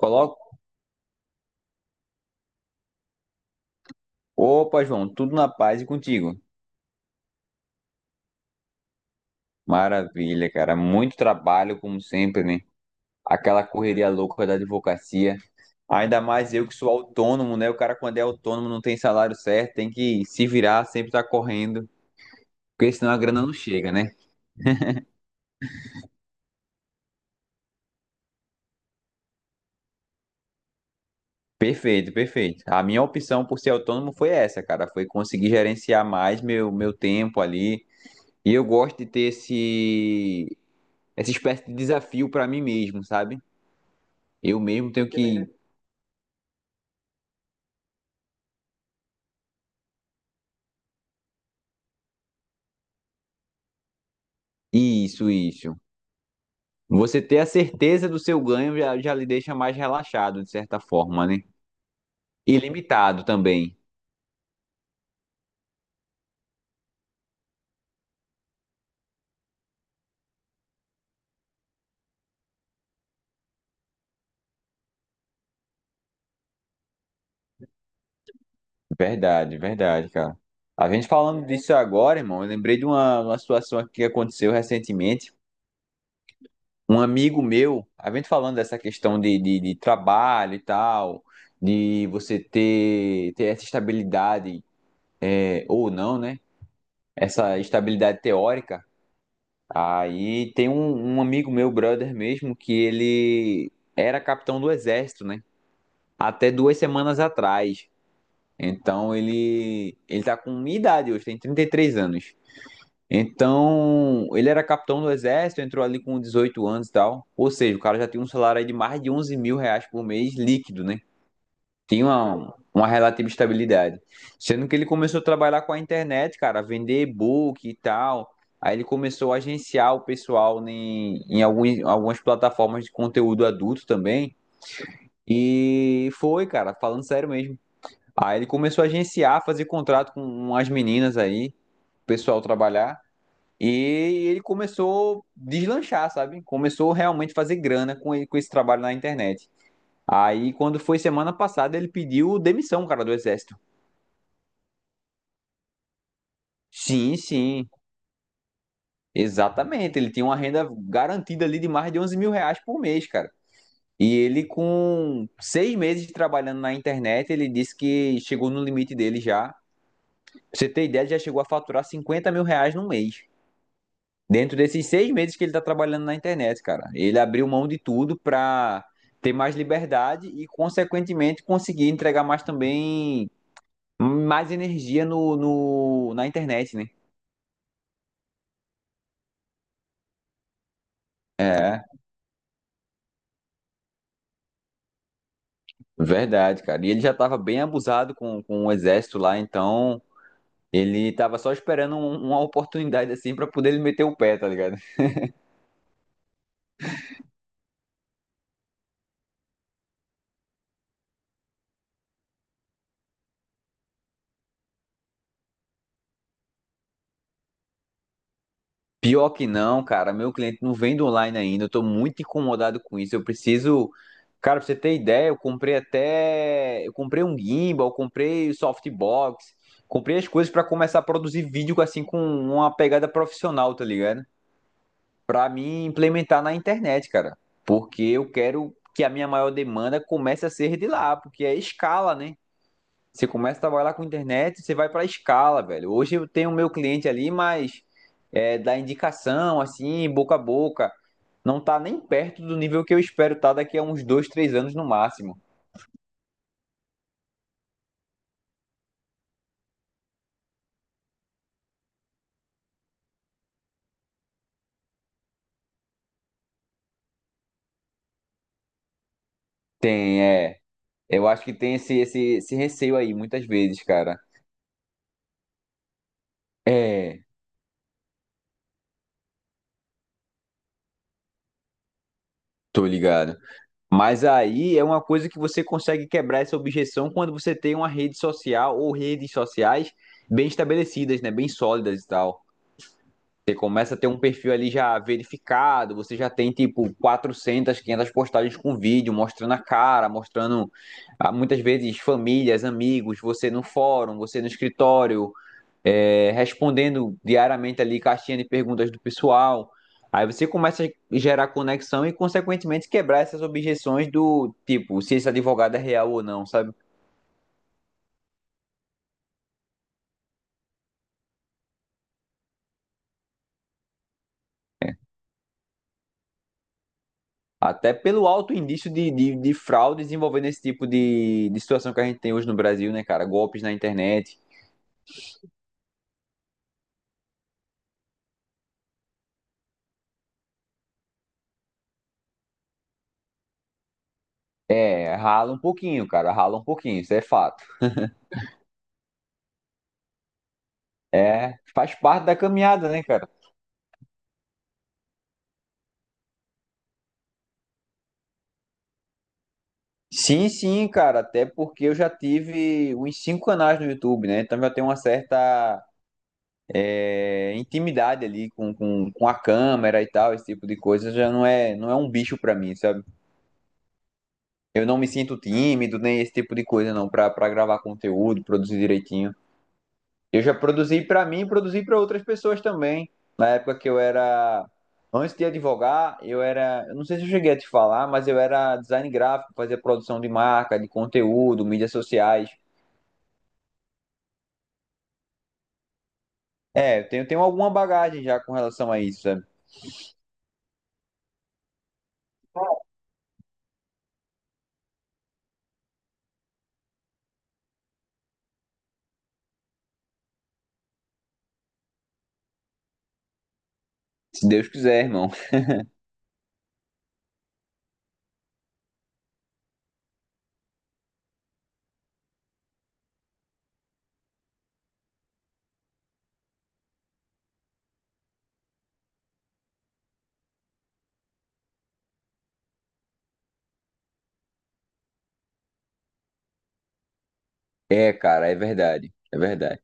Coloco. Opa, João, tudo na paz e contigo. Maravilha, cara. Muito trabalho, como sempre, né? Aquela correria louca da advocacia. Ainda mais eu que sou autônomo, né? O cara, quando é autônomo, não tem salário certo, tem que se virar, sempre tá correndo, porque senão a grana não chega, né? Perfeito, perfeito. A minha opção por ser autônomo foi essa, cara. Foi conseguir gerenciar mais meu tempo ali. E eu gosto de ter esse, essa espécie de desafio pra mim mesmo, sabe? Eu mesmo tenho que. Isso, isso. Você ter a certeza do seu ganho já, já lhe deixa mais relaxado, de certa forma, né? E limitado também. Verdade, verdade, cara. A gente falando disso agora, irmão, eu lembrei de uma situação aqui que aconteceu recentemente. Um amigo meu, a gente falando dessa questão de trabalho e tal, de você ter essa estabilidade, ou não, né? Essa estabilidade teórica. Aí tem um amigo meu, brother mesmo, que ele era capitão do exército, né? Até 2 semanas atrás. Então ele tá com minha idade hoje, tem 33 anos. Então, ele era capitão do exército, entrou ali com 18 anos e tal. Ou seja, o cara já tinha um salário aí de mais de R$ 11.000 por mês líquido, né? Tinha uma relativa estabilidade. Sendo que ele começou a trabalhar com a internet, cara, vender e-book e tal. Aí ele começou a agenciar o pessoal em alguns, algumas plataformas de conteúdo adulto também. E foi, cara, falando sério mesmo. Aí ele começou a agenciar, fazer contrato com umas meninas aí, o pessoal trabalhar. E ele começou a deslanchar, sabe? Começou realmente a fazer grana com, ele com esse trabalho na internet. Aí, quando foi semana passada, ele pediu demissão, cara, do exército. Sim, sim, exatamente. Ele tinha uma renda garantida ali de mais de 11 mil reais por mês, cara. E ele, com 6 meses trabalhando na internet, ele disse que chegou no limite dele já. Pra você ter ideia, ele já chegou a faturar R$ 50.000 no mês. Dentro desses 6 meses que ele tá trabalhando na internet, cara. Ele abriu mão de tudo pra ter mais liberdade e, consequentemente, conseguir entregar mais também, mais energia no, no, na internet, né? É. Verdade, cara. E ele já estava bem abusado com o exército lá, então ele estava só esperando uma oportunidade assim para poder ele meter o pé, tá ligado? Pior que não, cara. Meu cliente não vende online ainda. Eu tô muito incomodado com isso. Eu preciso. Cara, pra você ter ideia, eu comprei até. Eu comprei um gimbal, eu comprei o softbox, comprei as coisas para começar a produzir vídeo assim com uma pegada profissional, tá ligado? Para mim implementar na internet, cara. Porque eu quero que a minha maior demanda comece a ser de lá, porque é escala, né? Você começa a trabalhar com internet, você vai para escala, velho. Hoje eu tenho o meu cliente ali, mas da indicação, assim, boca a boca, não tá nem perto do nível que eu espero estar daqui a uns dois, três anos no máximo. Tem, é. Eu acho que tem esse receio aí, muitas vezes, cara. É, tô ligado. Mas aí é uma coisa que você consegue quebrar essa objeção quando você tem uma rede social ou redes sociais bem estabelecidas, né? Bem sólidas e tal. Você começa a ter um perfil ali já verificado, você já tem tipo 400, 500 postagens com vídeo, mostrando a cara, mostrando ah, muitas vezes famílias, amigos, você no fórum, você no escritório, respondendo diariamente ali caixinha de perguntas do pessoal. Aí você começa a gerar conexão e, consequentemente, quebrar essas objeções do tipo, se esse advogado é real ou não, sabe? Até pelo alto indício de fraudes envolvendo esse tipo de situação que a gente tem hoje no Brasil, né, cara? Golpes na internet. É, rala um pouquinho, cara, rala um pouquinho, isso é fato. É, faz parte da caminhada, né, cara? Sim, sim, cara, até porque eu já tive uns cinco canais no YouTube, né? Então já tem uma certa intimidade ali com a câmera e tal, esse tipo de coisa, já não é, não é um bicho pra mim, sabe? Eu não me sinto tímido, nem esse tipo de coisa, não, pra gravar conteúdo, produzir direitinho. Eu já produzi pra mim, produzi pra outras pessoas também. Na época que eu era. Antes de advogar, eu era. Eu não sei se eu cheguei a te falar, mas eu era design gráfico, fazia produção de marca, de conteúdo, mídias sociais. É, eu tenho, tenho alguma bagagem já com relação a isso, sabe? Se Deus quiser, irmão. É, cara, é verdade. É verdade.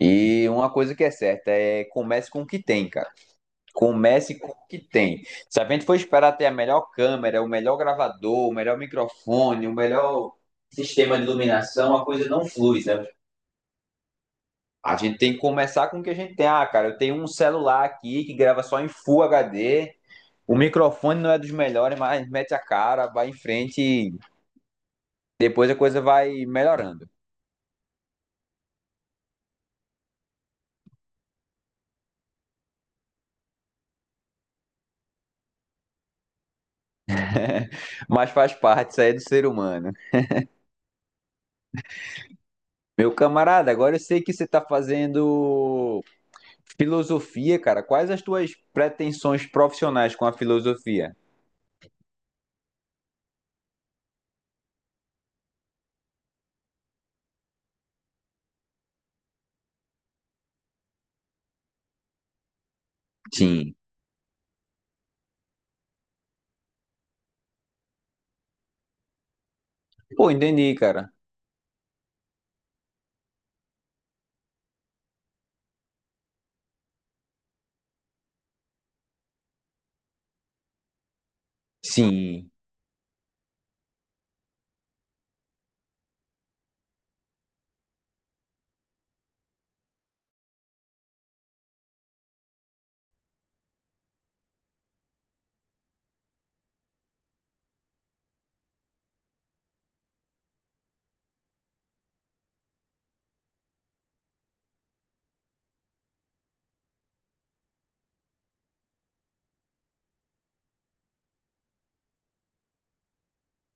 E uma coisa que é certa é comece com o que tem, cara. Comece com o que tem. Se a gente for esperar ter a melhor câmera, o melhor gravador, o melhor microfone, o melhor sistema de iluminação, a coisa não flui, né? A gente tem que começar com o que a gente tem. Ah, cara, eu tenho um celular aqui que grava só em Full HD. O microfone não é dos melhores, mas mete a cara, vai em frente e depois a coisa vai melhorando. mas faz parte, isso aí é do ser humano. Meu camarada, agora eu sei que você tá fazendo Filosofia, cara, quais as tuas pretensões profissionais com a filosofia? Sim. Pô, entendi, cara. Sim.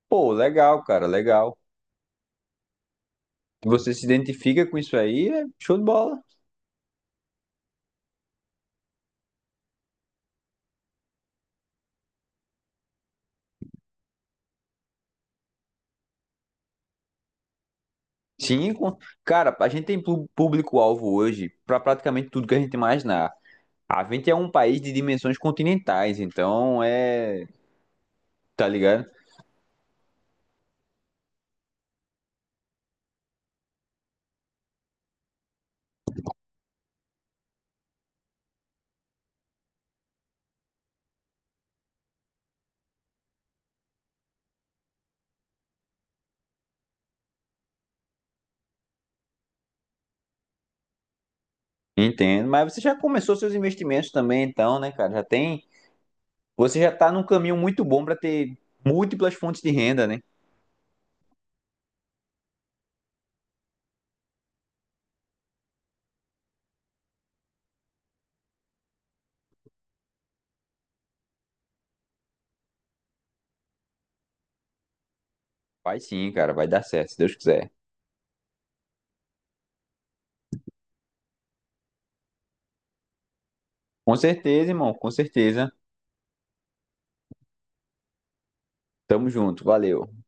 Pô, legal, cara, legal. Você se identifica com isso aí, é show de bola. Sim, com- cara, a gente tem público-alvo hoje para praticamente tudo que a gente imaginar. A gente é um país de dimensões continentais, então tá ligado? Entendo. Mas você já começou seus investimentos também, então, né, cara? Já tem, você já tá num caminho muito bom para ter múltiplas fontes de renda, né? Vai sim, cara, vai dar certo, se Deus quiser. Com certeza, irmão, com certeza. Tamo junto, valeu.